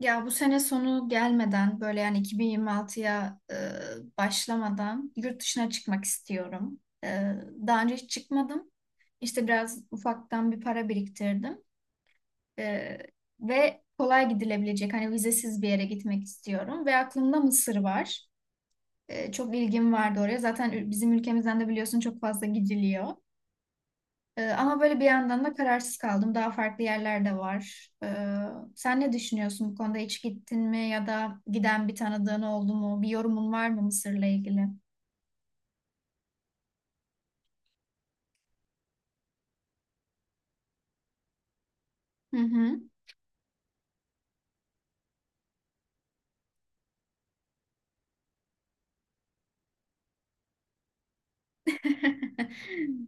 Ya bu sene sonu gelmeden böyle yani 2026'ya başlamadan yurt dışına çıkmak istiyorum. Daha önce hiç çıkmadım. İşte biraz ufaktan bir para biriktirdim. E, Ve kolay gidilebilecek hani vizesiz bir yere gitmek istiyorum. Ve aklımda Mısır var. Çok ilgim vardı oraya. Zaten bizim ülkemizden de biliyorsun çok fazla gidiliyor. Ama böyle bir yandan da kararsız kaldım. Daha farklı yerler de var. Sen ne düşünüyorsun bu konuda? Hiç gittin mi ya da giden bir tanıdığın oldu mu? Bir yorumun var mı Mısır'la ilgili? Hı hı.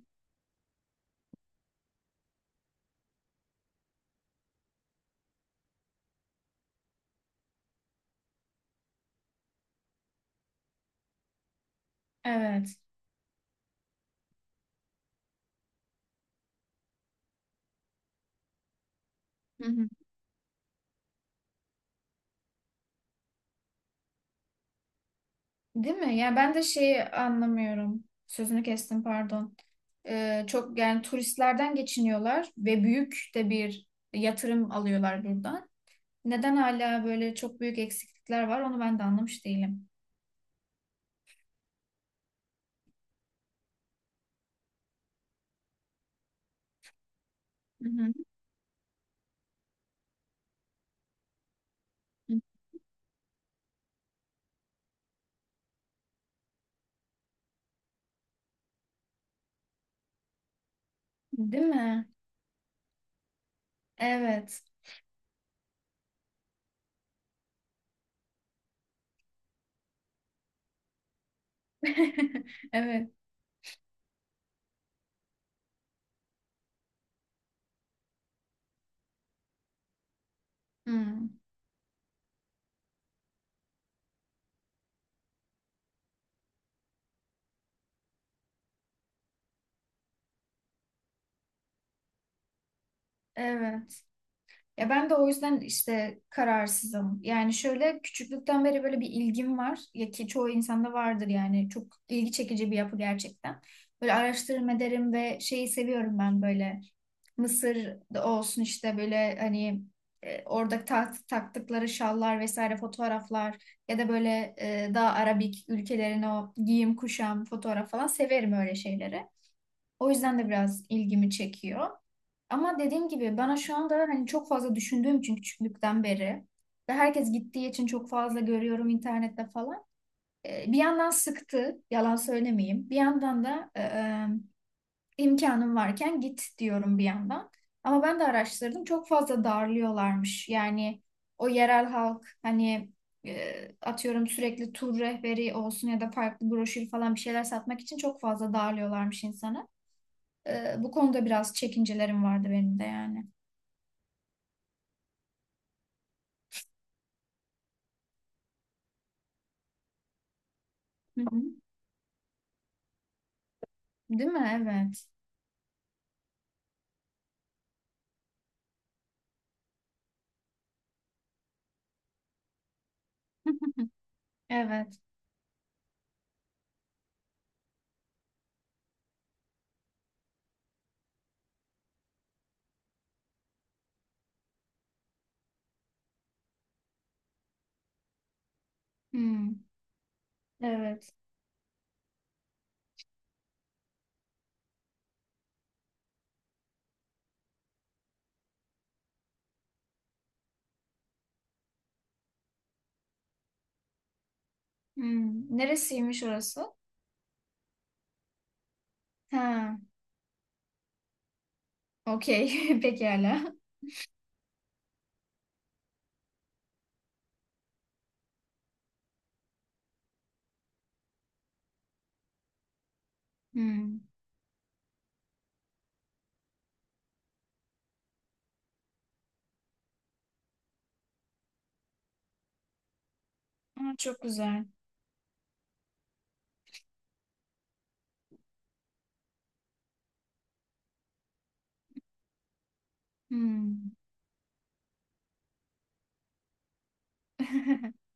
Evet. Hı hı. Değil mi? Ya ben de şeyi anlamıyorum. Sözünü kestim, pardon. Çok yani turistlerden geçiniyorlar ve büyük de bir yatırım alıyorlar buradan. Neden hala böyle çok büyük eksiklikler var onu ben de anlamış değilim. Hı hı. Değil mi? Evet. Evet. Hmm. Evet. Ya ben de o yüzden işte kararsızım. Yani şöyle küçüklükten beri böyle bir ilgim var. Ya ki çoğu insanda vardır yani. Çok ilgi çekici bir yapı gerçekten. Böyle araştırma ederim ve şeyi seviyorum ben böyle. Mısır da olsun işte böyle hani orada taktıkları şallar vesaire fotoğraflar ya da böyle, daha Arabik ülkelerin o giyim kuşam fotoğraf falan severim öyle şeyleri. O yüzden de biraz ilgimi çekiyor. Ama dediğim gibi bana şu anda hani çok fazla düşündüğüm için küçüklükten beri ve herkes gittiği için çok fazla görüyorum internette falan. Bir yandan sıktı, yalan söylemeyeyim. Bir yandan da imkanım varken git diyorum bir yandan. Ama ben de araştırdım. Çok fazla darlıyorlarmış. Yani o yerel halk hani, e, atıyorum sürekli tur rehberi olsun ya da farklı broşür falan bir şeyler satmak için çok fazla darlıyorlarmış insanı. Bu konuda biraz çekincelerim vardı benim de yani. Hı hı. Değil mi? Evet. Evet. Hmm. Evet. Hmm. Neresiymiş orası? Ha. Okey. Pekala. Hmm. Aa, çok güzel. Hmm.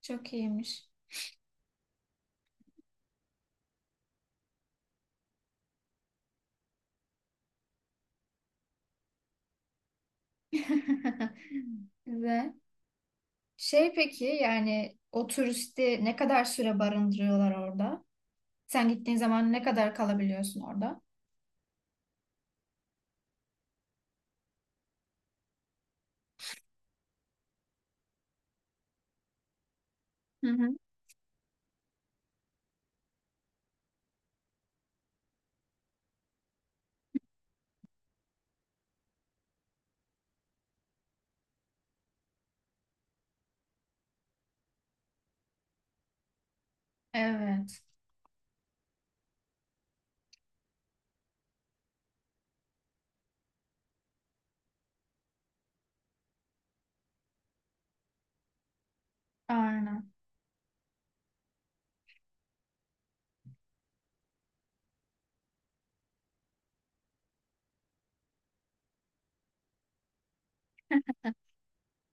Çok iyiymiş. Güzel. Şey, peki yani o turisti ne kadar süre barındırıyorlar orada? Sen gittiğin zaman ne kadar kalabiliyorsun orada? Hı hı. Evet. Aynen.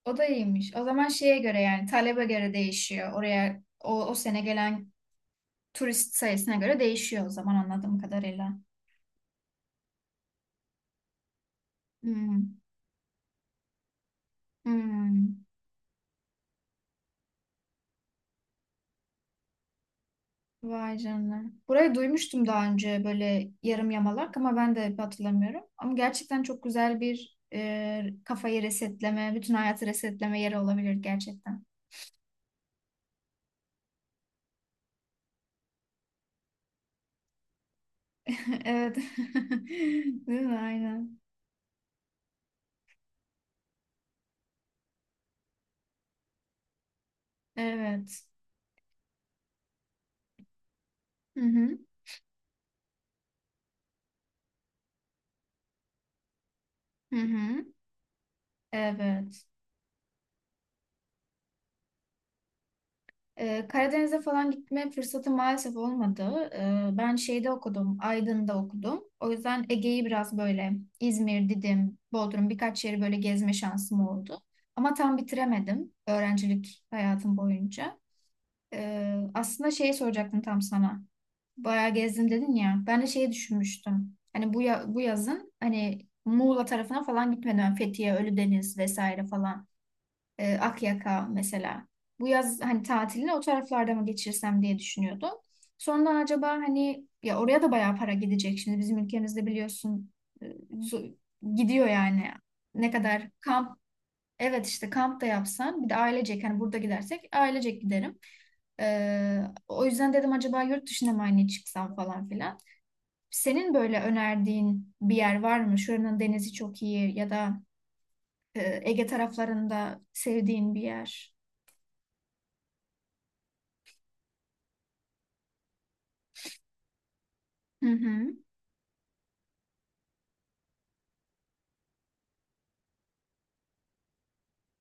O da iyiymiş. O zaman şeye göre, yani talebe göre değişiyor. Oraya o sene gelen turist sayısına göre değişiyor o zaman, anladığım kadarıyla. Hmm. Hmm. Vay canına. Burayı duymuştum daha önce böyle yarım yamalak ama ben de hatırlamıyorum. Ama gerçekten çok güzel bir kafayı resetleme, bütün hayatı resetleme yeri olabilir gerçekten. Evet. Değil mi? Aynen. Evet. Hı hı. Hı hı. Evet. Karadeniz'e falan gitme fırsatı maalesef olmadı. Ben şeyde okudum, Aydın'da okudum. O yüzden Ege'yi biraz böyle İzmir, Didim, Bodrum birkaç yeri böyle gezme şansım oldu. Ama tam bitiremedim öğrencilik hayatım boyunca. Aslında şeyi soracaktım tam sana. Bayağı gezdim dedin ya. Ben de şeyi düşünmüştüm. Hani bu yazın hani Muğla tarafına falan gitmeden, Fethiye, Ölüdeniz vesaire falan, Akyaka mesela. Bu yaz hani tatilini o taraflarda mı geçirsem diye düşünüyordum. Sonra acaba hani, ya oraya da bayağı para gidecek. Şimdi bizim ülkemizde biliyorsun, e, zo- gidiyor yani. Ne kadar kamp. Evet, işte kamp da yapsam, bir de ailecek hani burada gidersek ailecek giderim. E, O yüzden dedim acaba yurt dışına mı hani çıksam falan filan. Senin böyle önerdiğin bir yer var mı? Şuranın denizi çok iyi, ya da Ege taraflarında sevdiğin bir yer. Hı hı.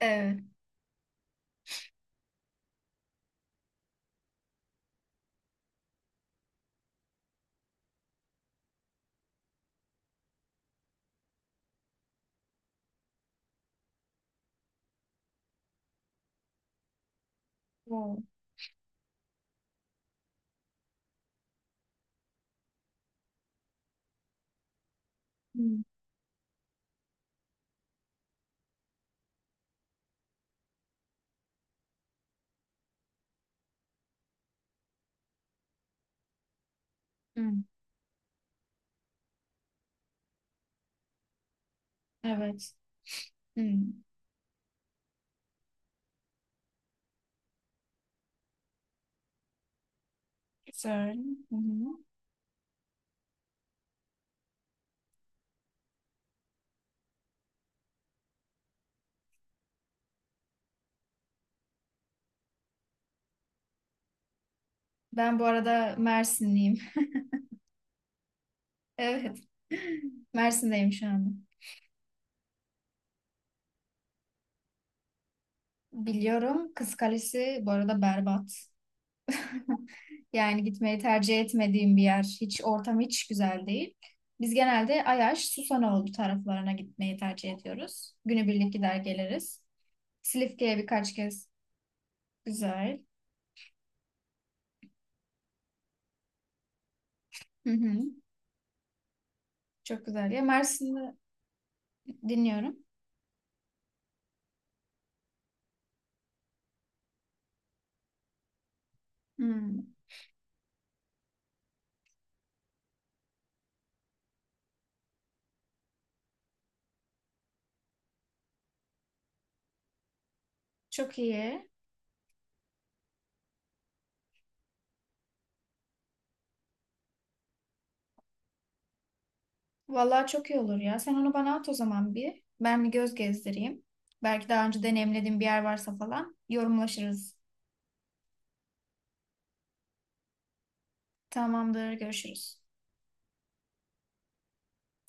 Evet. Oo. Hmm, hmm. Evet. Hmm. Güzel. Hı hı. Ben bu arada Mersinliyim. Evet. Mersin'deyim şu anda. Biliyorum. Kız Kalesi bu arada berbat. Yani gitmeyi tercih etmediğim bir yer. Hiç ortam hiç güzel değil. Biz genelde Ayaş, Susanoğlu taraflarına gitmeyi tercih ediyoruz. Günübirlik gider geliriz. Silifke'ye birkaç kez. Güzel. Hı hı. Çok güzel. Ya Mersin'de dinliyorum. Hmm. Çok iyi. Vallahi çok iyi olur ya. Sen onu bana at o zaman bir. Ben bir göz gezdireyim. Belki daha önce deneyimlediğim bir yer varsa falan yorumlaşırız. Tamamdır, görüşürüz.